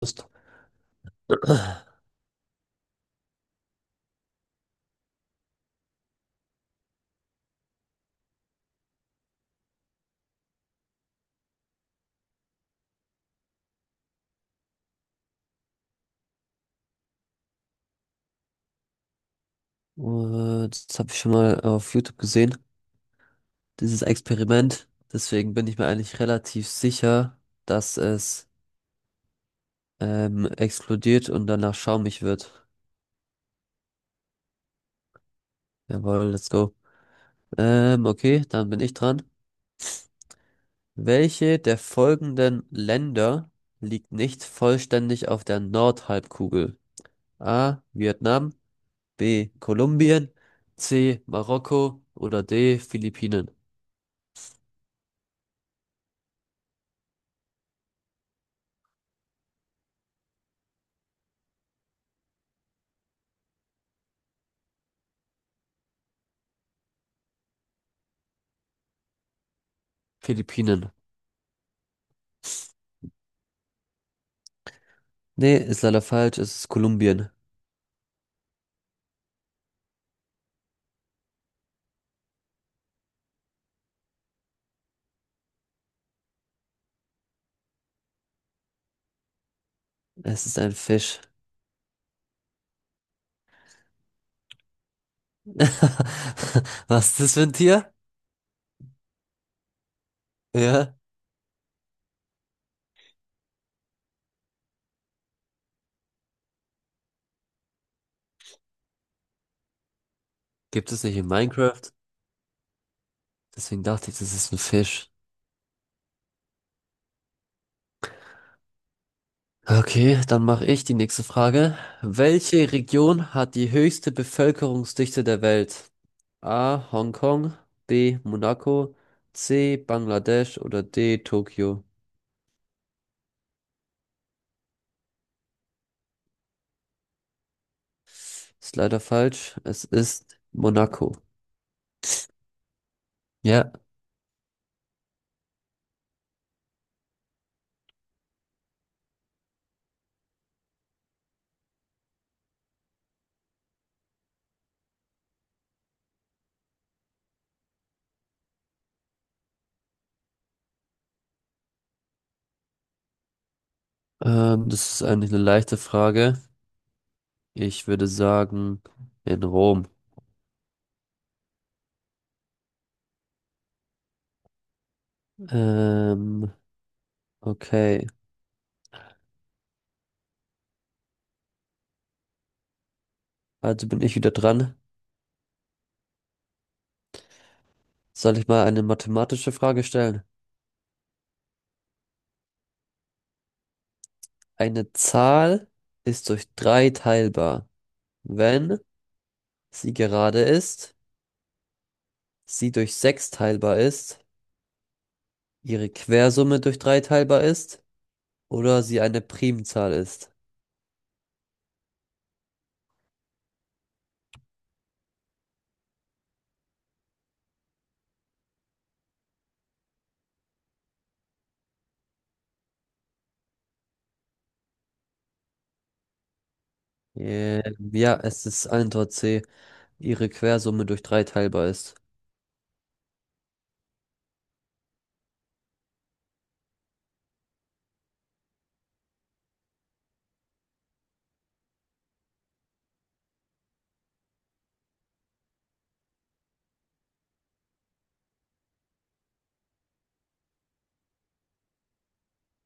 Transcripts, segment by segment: Ist. Äh, Das habe ich schon mal auf YouTube gesehen, dieses Experiment. Deswegen bin ich mir eigentlich relativ sicher, dass es explodiert und danach schaumig wird. Jawohl, let's go. Okay, dann bin ich dran. Welche der folgenden Länder liegt nicht vollständig auf der Nordhalbkugel? A. Vietnam, B. Kolumbien, C. Marokko oder D. Philippinen. Philippinen. Nee, ist leider falsch. Es ist Kolumbien. Es ist ein Fisch. Was ist das für ein Tier? Ja, gibt es nicht in Minecraft. Deswegen dachte ich, das ist ein Fisch. Okay, dann mache ich die nächste Frage. Welche Region hat die höchste Bevölkerungsdichte der Welt? A. Hongkong, B. Monaco, C. Bangladesch oder D. Tokio? Ist leider falsch. Es ist Monaco. Ja, das ist eigentlich eine leichte Frage. Ich würde sagen, in Rom. Ähm, okay, also bin ich wieder dran. Soll ich mal eine mathematische Frage stellen? Eine Zahl ist durch drei teilbar, wenn sie gerade ist, sie durch sechs teilbar ist, ihre Quersumme durch drei teilbar ist oder sie eine Primzahl ist. Ja, es ist Antwort C, ihre Quersumme durch drei teilbar ist.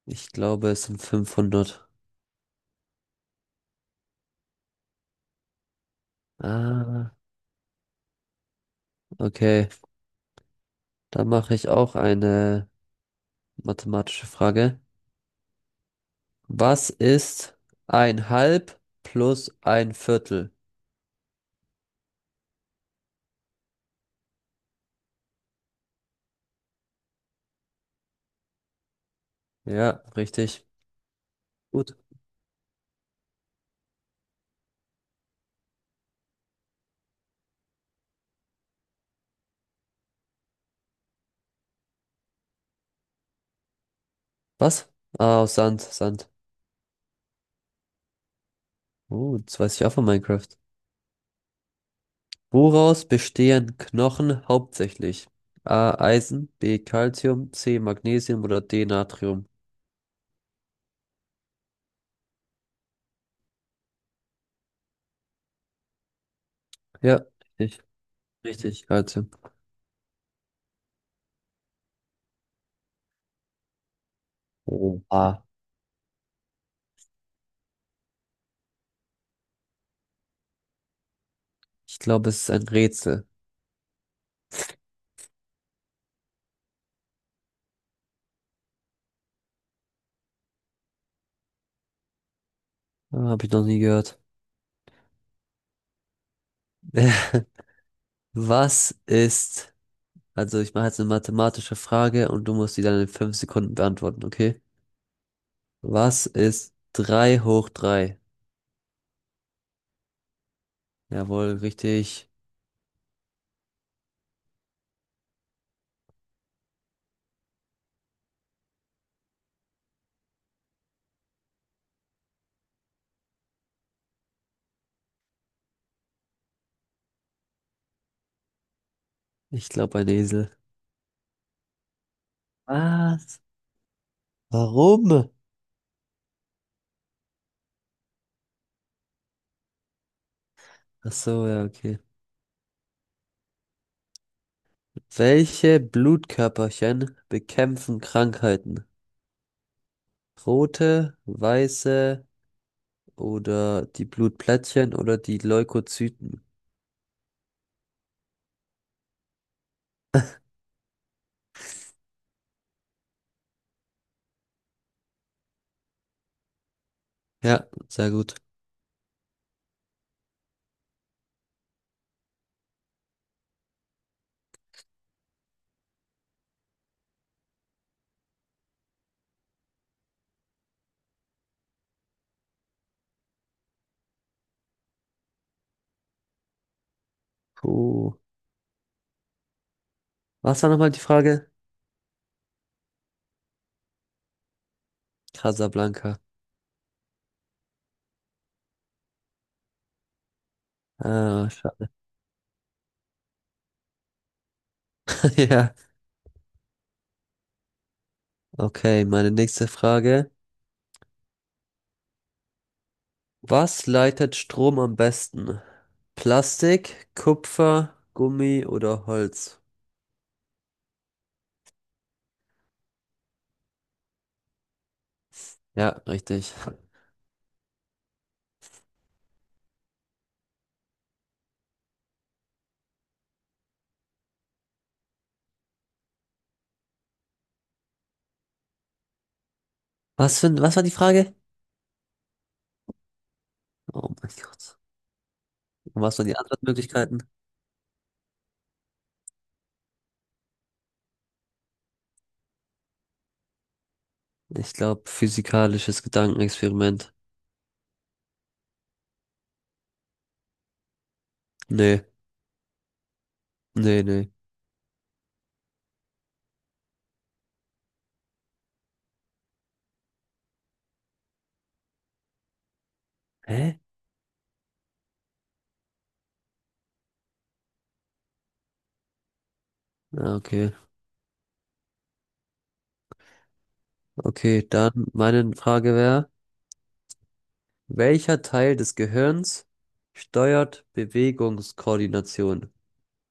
Ich glaube, es sind 500. Ah, okay. Dann mache ich auch eine mathematische Frage. Was ist ein Halb plus ein Viertel? Ja, richtig. Gut. Was? Ah, aus Sand, Sand. Oh, das weiß ich auch von Minecraft. Woraus bestehen Knochen hauptsächlich? A, Eisen, B, Calcium, C, Magnesium oder D, Natrium? Ja, richtig. Richtig, Calcium. Oh, ah. Ich glaube, es ist ein Rätsel. Ah, habe ich noch nie gehört. Was ist? Also ich mache jetzt eine mathematische Frage und du musst die dann in 5 Sekunden beantworten, okay? Was ist 3 hoch 3? Jawohl, richtig. Ich glaube ein Esel. Was? Warum? Ach so, ja, okay. Welche Blutkörperchen bekämpfen Krankheiten? Rote, weiße oder die Blutplättchen oder die Leukozyten? Ja, sehr gut. Puh. Was war nochmal die Frage? Casablanca. Ah, schade. Ja. Okay, meine nächste Frage. Was leitet Strom am besten? Plastik, Kupfer, Gummi oder Holz? Ja, richtig. Was für, was war die Frage? Oh mein Gott. Und was waren die Antwortmöglichkeiten? Ich glaube, physikalisches Gedankenexperiment. Nee, nee, nee. Hä? Ah, okay, okay, dann meine Frage wäre, welcher Teil des Gehirns steuert Bewegungskoordination?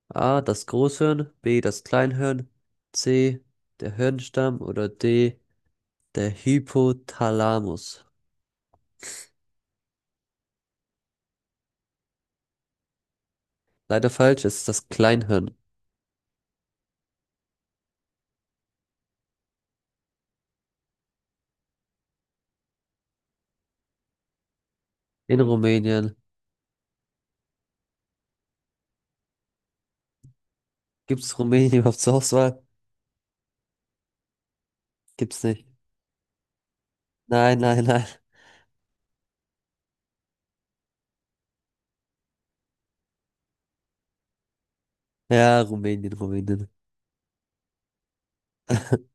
A, das Großhirn, B, das Kleinhirn, C, der Hirnstamm oder D, der Hypothalamus. Leider falsch, es ist das Kleinhirn. In Rumänien. Gibt es Rumänien überhaupt zur Auswahl? Gibt's nicht. Nein, nein, nein. Ja, Rumänien, Rumänien.